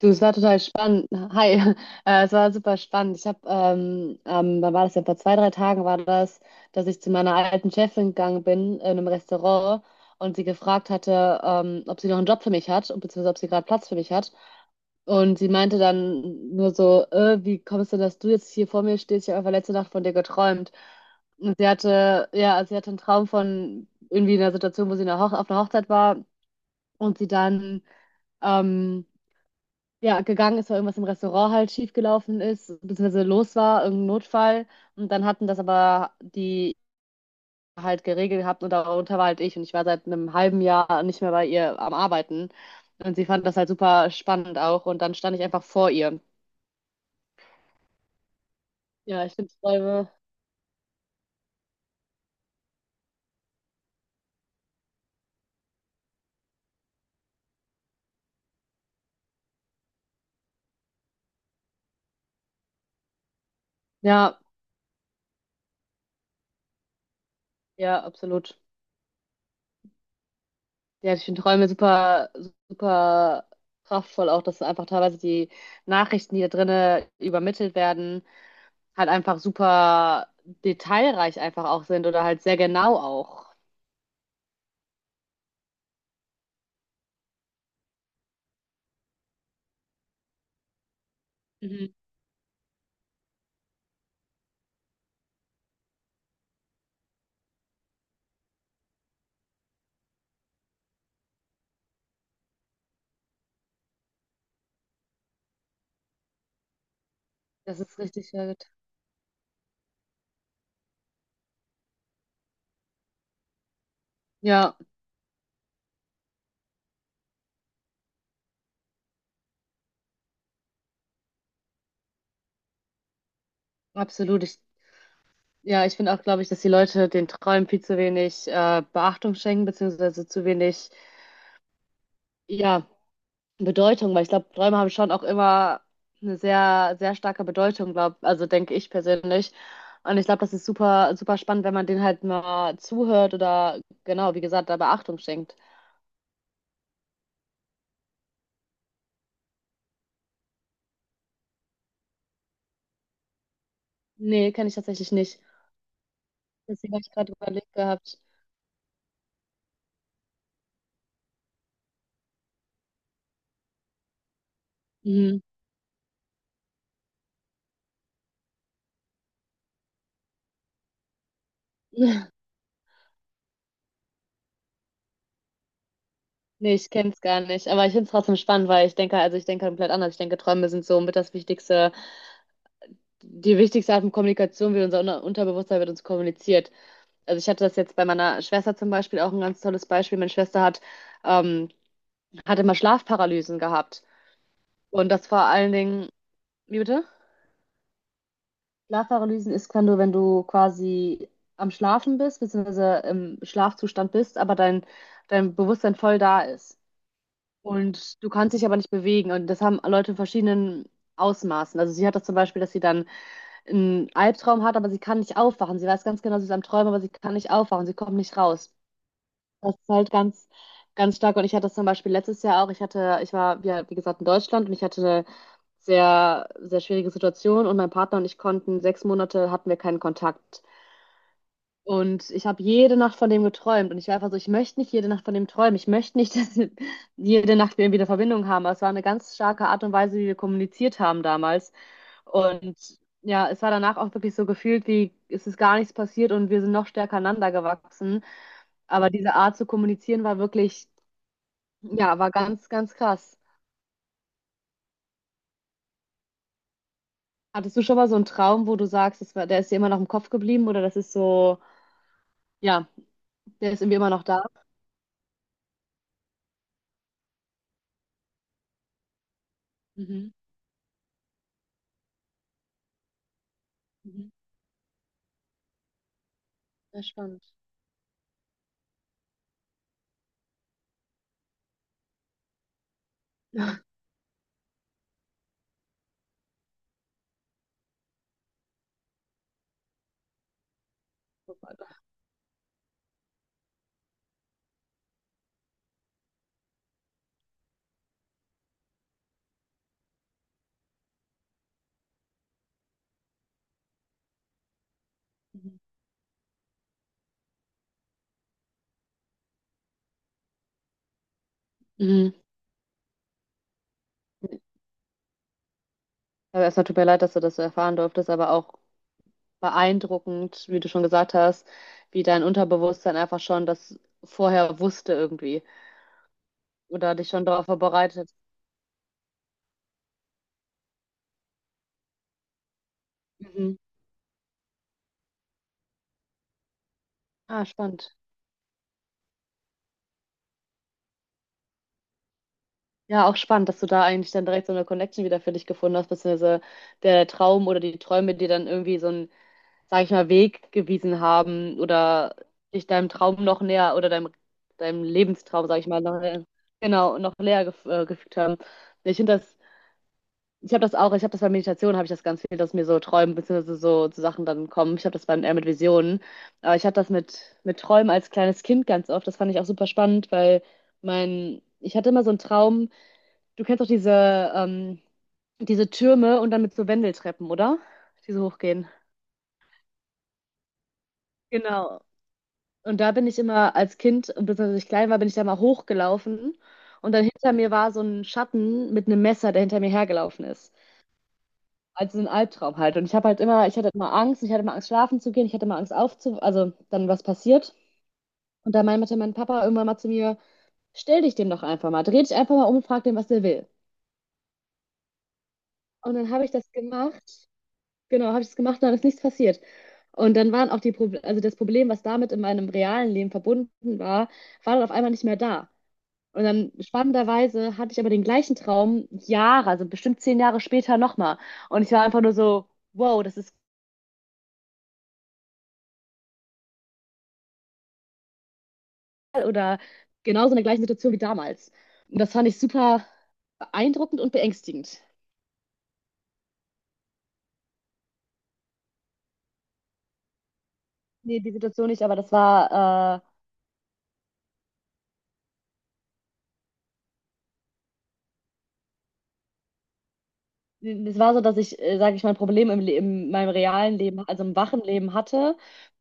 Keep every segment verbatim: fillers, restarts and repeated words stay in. Du, es war total spannend. Hi, äh, es war super spannend. Ich habe, ähm, ähm, wann war das, ja, vor zwei, drei Tagen war das, dass ich zu meiner alten Chefin gegangen bin in einem Restaurant und sie gefragt hatte, ähm, ob sie noch einen Job für mich hat, beziehungsweise ob sie gerade Platz für mich hat. Und sie meinte dann nur so, äh, wie kommst du, dass du jetzt hier vor mir stehst? Ich habe einfach letzte Nacht von dir geträumt. Und sie hatte, ja, also sie hatte einen Traum von irgendwie einer Situation, wo sie in einer Hoch auf einer Hochzeit war und sie dann ähm, ja, gegangen ist, weil irgendwas im Restaurant halt schiefgelaufen ist, beziehungsweise los war, irgendein Notfall. Und dann hatten das aber die halt geregelt gehabt und darunter war halt ich. Und ich war seit einem halben Jahr nicht mehr bei ihr am Arbeiten. Und sie fand das halt super spannend auch. Und dann stand ich einfach vor ihr. Ja, ich finde Träume. Ja, ja, absolut. Ja, ich finde Träume super, super kraftvoll auch, dass einfach teilweise die Nachrichten, die da drinnen übermittelt werden, halt einfach super detailreich einfach auch sind oder halt sehr genau auch. Mhm. Das ist richtig gut. Ja, absolut. Ich, ja, ich finde auch, glaube ich, dass die Leute den Träumen viel zu wenig äh, Beachtung schenken, beziehungsweise zu wenig, ja, Bedeutung, weil ich glaube, Träume haben schon auch immer eine sehr, sehr starke Bedeutung, glaub, also denke ich persönlich. Und ich glaube, das ist super, super spannend, wenn man denen halt mal zuhört oder genau, wie gesagt, da Beachtung schenkt. Nee, kenne ich tatsächlich nicht. Deswegen habe ich gerade überlegt gehabt. Mhm. Nee, ich kenne es gar nicht. Aber ich finde es trotzdem spannend, weil ich denke, also ich denke komplett anders. Ich denke, Träume sind so mit das Wichtigste, die wichtigste Art von Kommunikation, wie unser Unter- Unterbewusstsein mit uns kommuniziert. Also ich hatte das jetzt bei meiner Schwester zum Beispiel auch ein ganz tolles Beispiel. Meine Schwester hat, ähm, hat immer Schlafparalysen gehabt. Und das vor allen Dingen, wie bitte? Schlafparalysen ist, wenn du, wenn du quasi am Schlafen bist, beziehungsweise im Schlafzustand bist, aber dein, dein Bewusstsein voll da ist. Und du kannst dich aber nicht bewegen. Und das haben Leute in verschiedenen Ausmaßen. Also sie hat das zum Beispiel, dass sie dann einen Albtraum hat, aber sie kann nicht aufwachen. Sie weiß ganz genau, sie ist am Träumen, aber sie kann nicht aufwachen. Sie kommt nicht raus. Das ist halt ganz, ganz stark. Und ich hatte das zum Beispiel letztes Jahr auch. Ich hatte, ich war, ja, wie gesagt, in Deutschland und ich hatte eine sehr, sehr schwierige Situation und mein Partner und ich konnten sechs Monate hatten wir keinen Kontakt. Und ich habe jede Nacht von dem geträumt. Und ich war einfach so, ich möchte nicht jede Nacht von dem träumen. Ich möchte nicht, dass jede Nacht wir irgendwie eine Verbindung haben. Aber es war eine ganz starke Art und Weise, wie wir kommuniziert haben damals. Und ja, es war danach auch wirklich so gefühlt, wie es ist gar nichts passiert und wir sind noch stärker aneinander gewachsen. Aber diese Art zu kommunizieren war wirklich, ja, war ganz, ganz krass. Hattest du schon mal so einen Traum, wo du sagst, das war, der ist dir immer noch im Kopf geblieben oder das ist so, ja, der ist irgendwie immer noch da? Mhm. Mhm. Sehr spannend. Oh Gott. Mhm. Mhm. Aber erstmal tut mir leid, dass du das so erfahren durftest, aber auch beeindruckend, wie du schon gesagt hast, wie dein Unterbewusstsein einfach schon das vorher wusste irgendwie oder dich schon darauf vorbereitet. Mhm. Ah, spannend. Ja, auch spannend, dass du da eigentlich dann direkt so eine Connection wieder für dich gefunden hast, beziehungsweise der Traum oder die Träume dir dann irgendwie so einen, sag ich mal, Weg gewiesen haben oder dich deinem Traum noch näher oder deinem, deinem Lebenstraum, sag ich mal, noch näher, genau, noch näher gef äh, gefügt haben. Ich finde das. Ich habe das auch, ich habe das bei Meditation, habe ich das ganz viel, dass mir so Träumen beziehungsweise so zu Sachen dann kommen. Ich habe das dann eher mit Visionen. Aber ich hatte das mit, mit Träumen als kleines Kind ganz oft. Das fand ich auch super spannend, weil mein, ich hatte immer so einen Traum. Du kennst doch diese, ähm, diese Türme und dann mit so Wendeltreppen, oder? Die so hochgehen. Genau. Und da bin ich immer als Kind, beziehungsweise als ich klein war, bin ich da mal hochgelaufen. Und dann hinter mir war so ein Schatten mit einem Messer, der hinter mir hergelaufen ist. Also ein Albtraum halt. Und ich habe halt immer, ich hatte immer Angst, ich hatte immer Angst, schlafen zu gehen, ich hatte immer Angst aufzu, also dann was passiert. Und da meinte mein Papa irgendwann mal zu mir, stell dich dem doch einfach mal, dreh dich einfach mal um und frag den, was der will. Und dann habe ich das gemacht, genau, habe ich das gemacht und dann ist nichts passiert. Und dann waren auch die Proble also das Problem, was damit in meinem realen Leben verbunden war, war dann auf einmal nicht mehr da. Und dann spannenderweise hatte ich aber den gleichen Traum Jahre, also bestimmt zehn Jahre später nochmal. Und ich war einfach nur so, wow, das ist oder genauso in der gleichen Situation wie damals. Und das fand ich super beeindruckend und beängstigend. Nee, die Situation nicht, aber das war, äh, das war so, dass ich, äh, sage ich mal, ein Problem im, Le- in meinem realen Leben, also im wachen Leben hatte.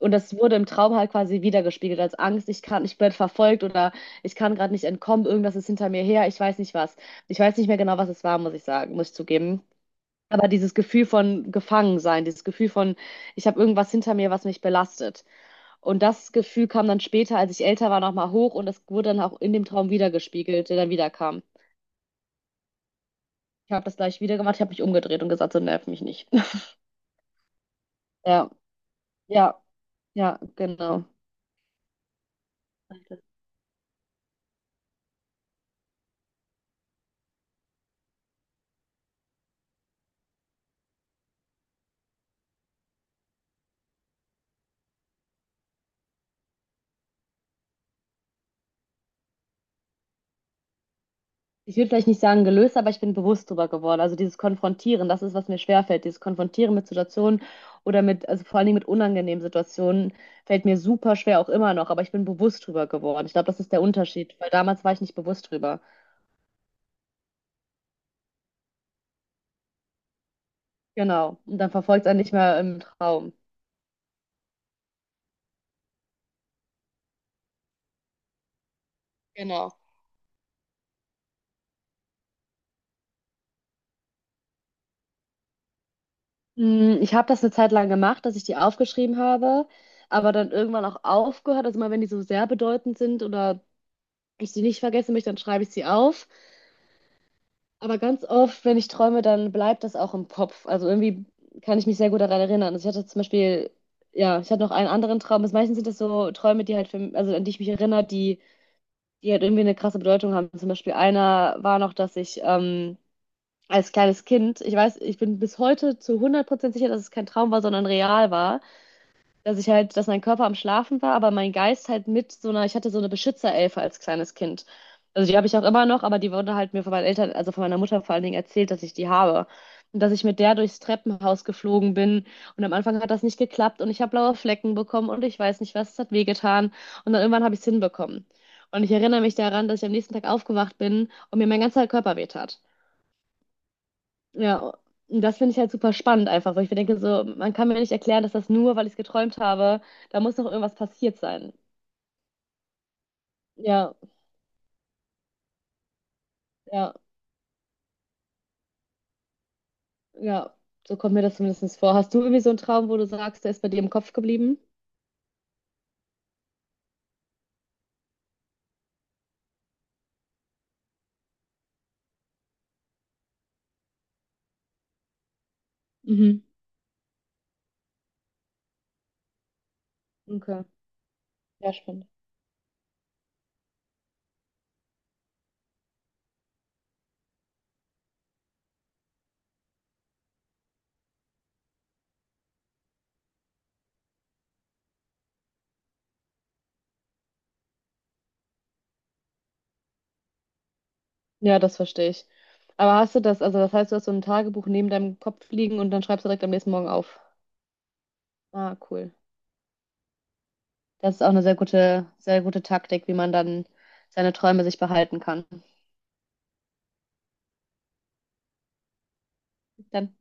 Und das wurde im Traum halt quasi wiedergespiegelt als Angst. Ich kann, ich werde verfolgt oder ich kann gerade nicht entkommen, irgendwas ist hinter mir her, ich weiß nicht was. Ich weiß nicht mehr genau, was es war, muss ich sagen, muss ich zugeben. Aber dieses Gefühl von Gefangensein, dieses Gefühl von, ich habe irgendwas hinter mir, was mich belastet. Und das Gefühl kam dann später, als ich älter war, nochmal hoch und das wurde dann auch in dem Traum wiedergespiegelt, der dann wieder kam. Ich habe das gleich wieder gemacht, ich habe mich umgedreht und gesagt, so nerv mich nicht. Ja, ja, ja, genau. Ich würde vielleicht nicht sagen gelöst, aber ich bin bewusst drüber geworden. Also dieses Konfrontieren, das ist, was mir schwerfällt. Dieses Konfrontieren mit Situationen oder mit, also vor allen Dingen mit unangenehmen Situationen, fällt mir super schwer auch immer noch, aber ich bin bewusst drüber geworden. Ich glaube, das ist der Unterschied, weil damals war ich nicht bewusst drüber. Genau. Und dann verfolgt es einen nicht mehr im Traum. Genau. Mm, Ich habe das eine Zeit lang gemacht, dass ich die aufgeschrieben habe, aber dann irgendwann auch aufgehört. Also mal, wenn die so sehr bedeutend sind oder ich sie nicht vergessen möchte, dann schreibe ich sie auf. Aber ganz oft, wenn ich träume, dann bleibt das auch im Kopf. Also irgendwie kann ich mich sehr gut daran erinnern. Also ich hatte zum Beispiel, ja, ich hatte noch einen anderen Traum. Also meistens sind das so Träume, die halt für, also an die ich mich erinnere, die, die halt irgendwie eine krasse Bedeutung haben. Zum Beispiel einer war noch, dass ich ähm, als kleines Kind, ich weiß, ich bin bis heute zu hundert Prozent sicher, dass es kein Traum war, sondern real war. Dass ich halt, dass mein Körper am Schlafen war, aber mein Geist halt mit so einer, ich hatte so eine Beschützerelfe als kleines Kind. Also die habe ich auch immer noch, aber die wurde halt mir von meinen Eltern, also von meiner Mutter vor allen Dingen erzählt, dass ich die habe. Und dass ich mit der durchs Treppenhaus geflogen bin. Und am Anfang hat das nicht geklappt und ich habe blaue Flecken bekommen und ich weiß nicht was, es hat wehgetan. Und dann irgendwann habe ich es hinbekommen. Und ich erinnere mich daran, dass ich am nächsten Tag aufgewacht bin und mir mein ganzer Körper wehtat. Ja, und das finde ich halt super spannend einfach, weil ich mir denke, so, man kann mir nicht erklären, dass das nur, weil ich es geträumt habe, da muss noch irgendwas passiert sein. Ja, ja, ja, so kommt mir das zumindest vor. Hast du irgendwie so einen Traum, wo du sagst, der ist bei dir im Kopf geblieben? Mhm. Okay, ja, spannend. Ja, das verstehe ich. Aber hast du das, also das heißt, du hast so ein Tagebuch neben deinem Kopf liegen und dann schreibst du direkt am nächsten Morgen auf. Ah, cool. Das ist auch eine sehr gute, sehr gute Taktik, wie man dann seine Träume sich behalten kann. Dann